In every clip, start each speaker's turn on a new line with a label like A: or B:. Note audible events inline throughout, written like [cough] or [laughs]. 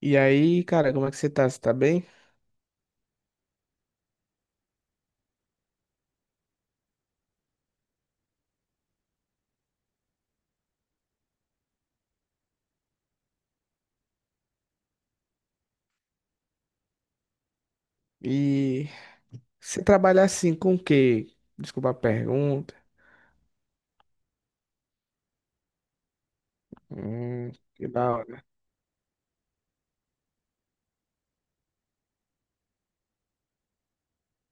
A: E aí, cara, como é que você tá? Você tá bem? E você trabalha assim com o quê? Desculpa a pergunta. Hum, que da hora.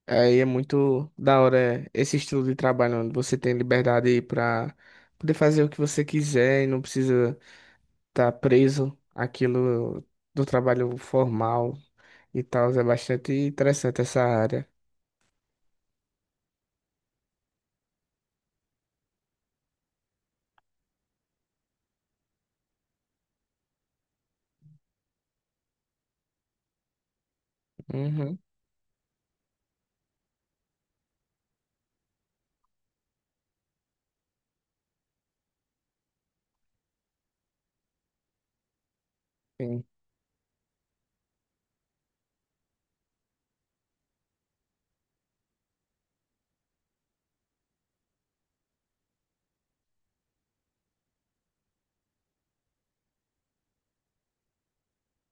A: Aí é muito da hora esse estilo de trabalho onde você tem liberdade pra poder fazer o que você quiser e não precisa estar preso àquilo do trabalho formal e tal. É bastante interessante essa área. Uhum, sim,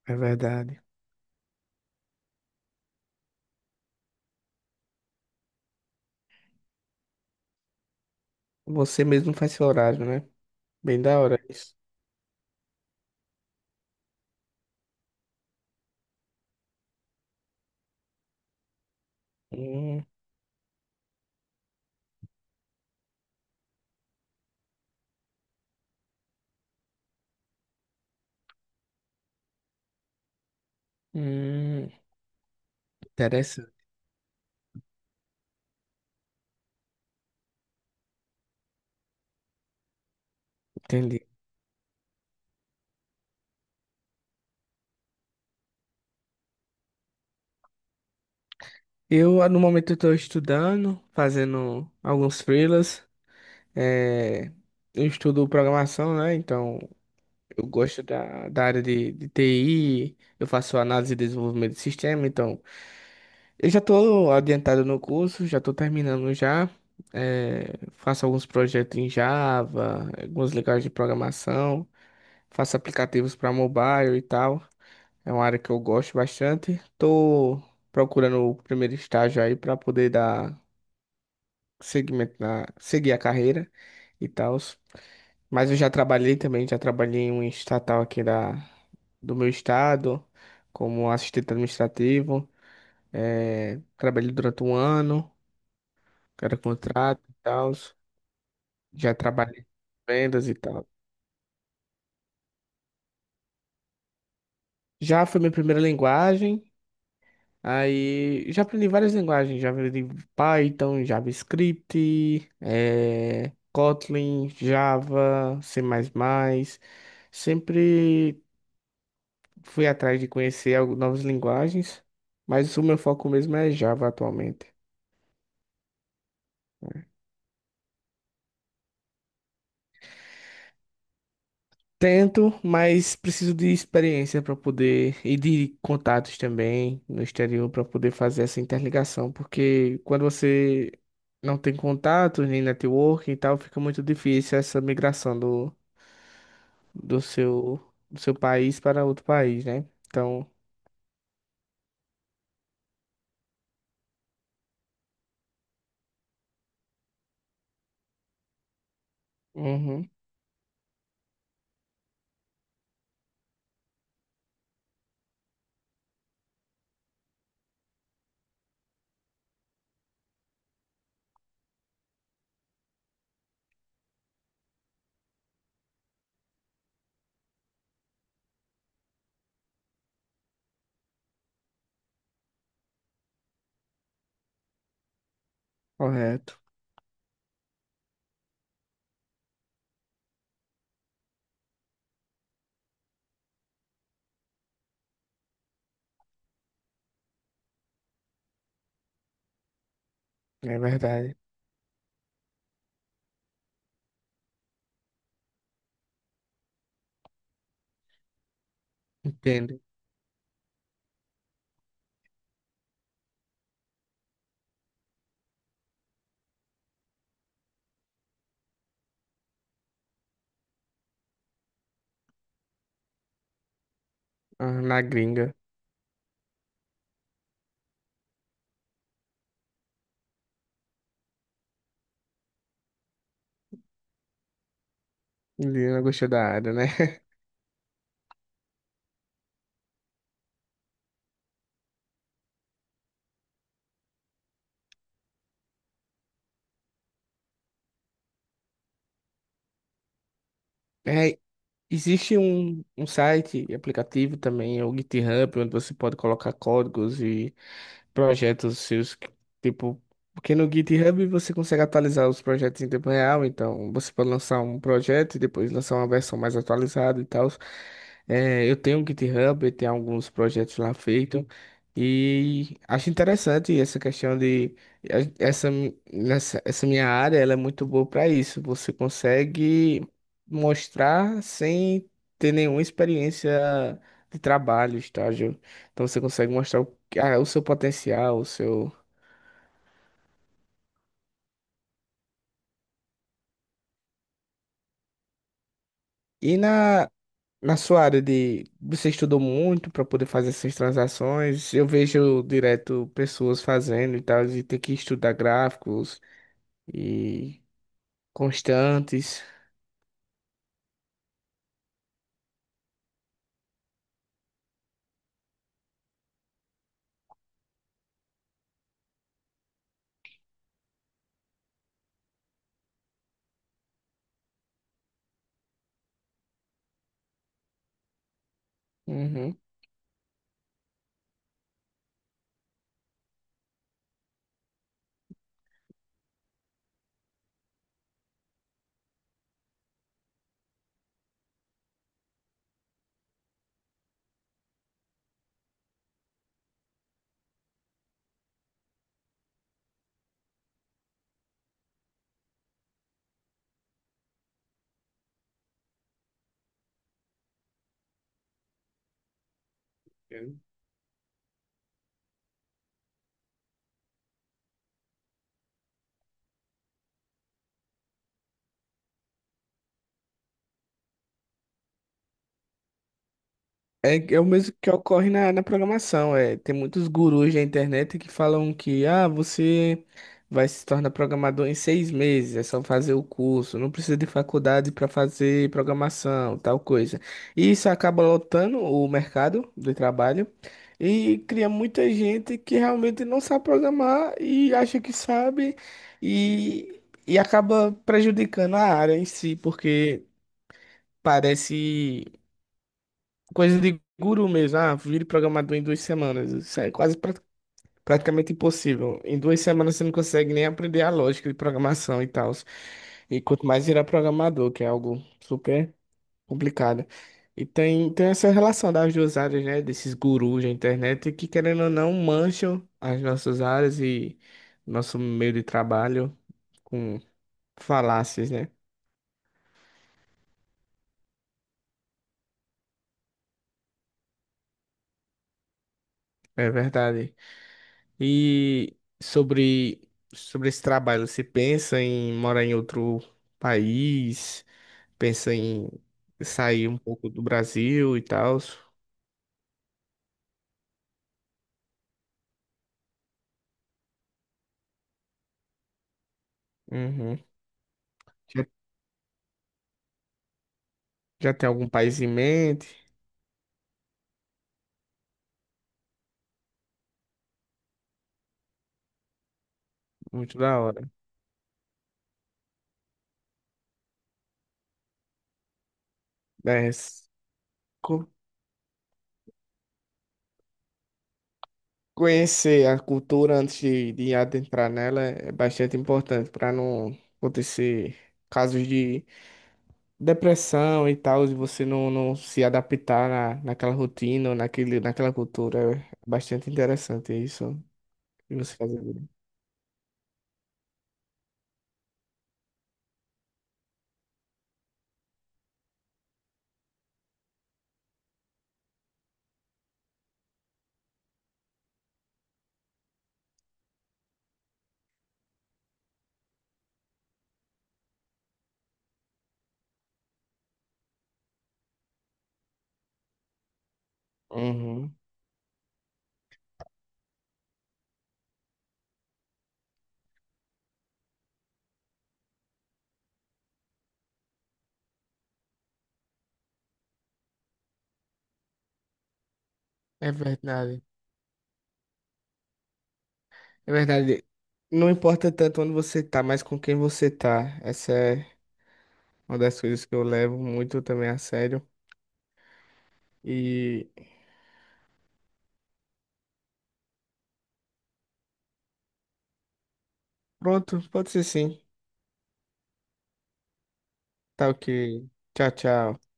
A: é verdade. Você mesmo faz seu horário, né? Bem da hora isso. Hum, hum, entendi. Eu, no momento, estou estudando, fazendo alguns freelas. É, eu estudo programação, né? Então, eu gosto da área de TI, eu faço análise e desenvolvimento de sistema. Então, eu já estou adiantado no curso, já estou terminando já. É, faço alguns projetos em Java, algumas linguagens de programação. Faço aplicativos para mobile e tal. É uma área que eu gosto bastante. Tô procurando o primeiro estágio aí para poder dar seguimento seguir a carreira e tal. Mas eu já trabalhei também, já trabalhei em um estatal aqui do meu estado, como assistente administrativo. É, trabalhei durante um ano, era contrato e tal. Já trabalhei em vendas e tal. Já foi minha primeira linguagem. Aí já aprendi várias linguagens, já aprendi Python, JavaScript, Kotlin, Java, C++. Sempre fui atrás de conhecer novas linguagens, mas o meu foco mesmo é Java atualmente. Tento, mas preciso de experiência para poder e de contatos também no exterior para poder fazer essa interligação, porque quando você não tem contatos nem networking e tal, fica muito difícil essa migração do seu do seu país para outro país, né? Então, uhum, correto, é verdade, entendo. Ah, na gringa, eu não gostei da área, né? [laughs] É. Existe um site e aplicativo também, é o GitHub, onde você pode colocar códigos e projetos seus, que, tipo, porque no GitHub você consegue atualizar os projetos em tempo real, então você pode lançar um projeto e depois lançar uma versão mais atualizada e tal. É, eu tenho um GitHub, eu tenho alguns projetos lá feitos e acho interessante essa questão de essa minha área, ela é muito boa para isso. Você consegue mostrar sem ter nenhuma experiência de trabalho, estágio. Então você consegue mostrar o o seu potencial, o seu. E na sua área de. Você estudou muito para poder fazer essas transações. Eu vejo direto pessoas fazendo e tal, e ter que estudar gráficos e constantes. Uhum. É, é o mesmo que ocorre na programação. É, tem muitos gurus da internet que falam que você vai se tornar programador em seis meses, é só fazer o curso, não precisa de faculdade para fazer programação, tal coisa. E isso acaba lotando o mercado de trabalho e cria muita gente que realmente não sabe programar e acha que sabe e, e acaba prejudicando a área em si, porque parece coisa de guru mesmo. Ah, vire programador em duas semanas. Praticamente impossível. Em duas semanas você não consegue nem aprender a lógica de programação e tal. E quanto mais virar programador, que é algo super complicado. E tem essa relação das duas áreas, né? Desses gurus da internet que, querendo ou não, mancham as nossas áreas e nosso meio de trabalho com falácias, né? É verdade. E sobre, sobre esse trabalho, você pensa em morar em outro país? Pensa em sair um pouco do Brasil e tal? Uhum. Já, já tem algum país em mente? Muito da hora. É, s- co- Conhecer a cultura antes de adentrar nela é bastante importante para não acontecer casos de depressão e tal, de você não se adaptar naquela rotina, ou naquela cultura. É bastante interessante isso que você fazer. Uhum. É verdade. É verdade. Não importa tanto onde você tá, mas com quem você tá. Essa é uma das coisas que eu levo muito também a sério. E pronto, pode ser sim. Tá ok. Tchau, tchau.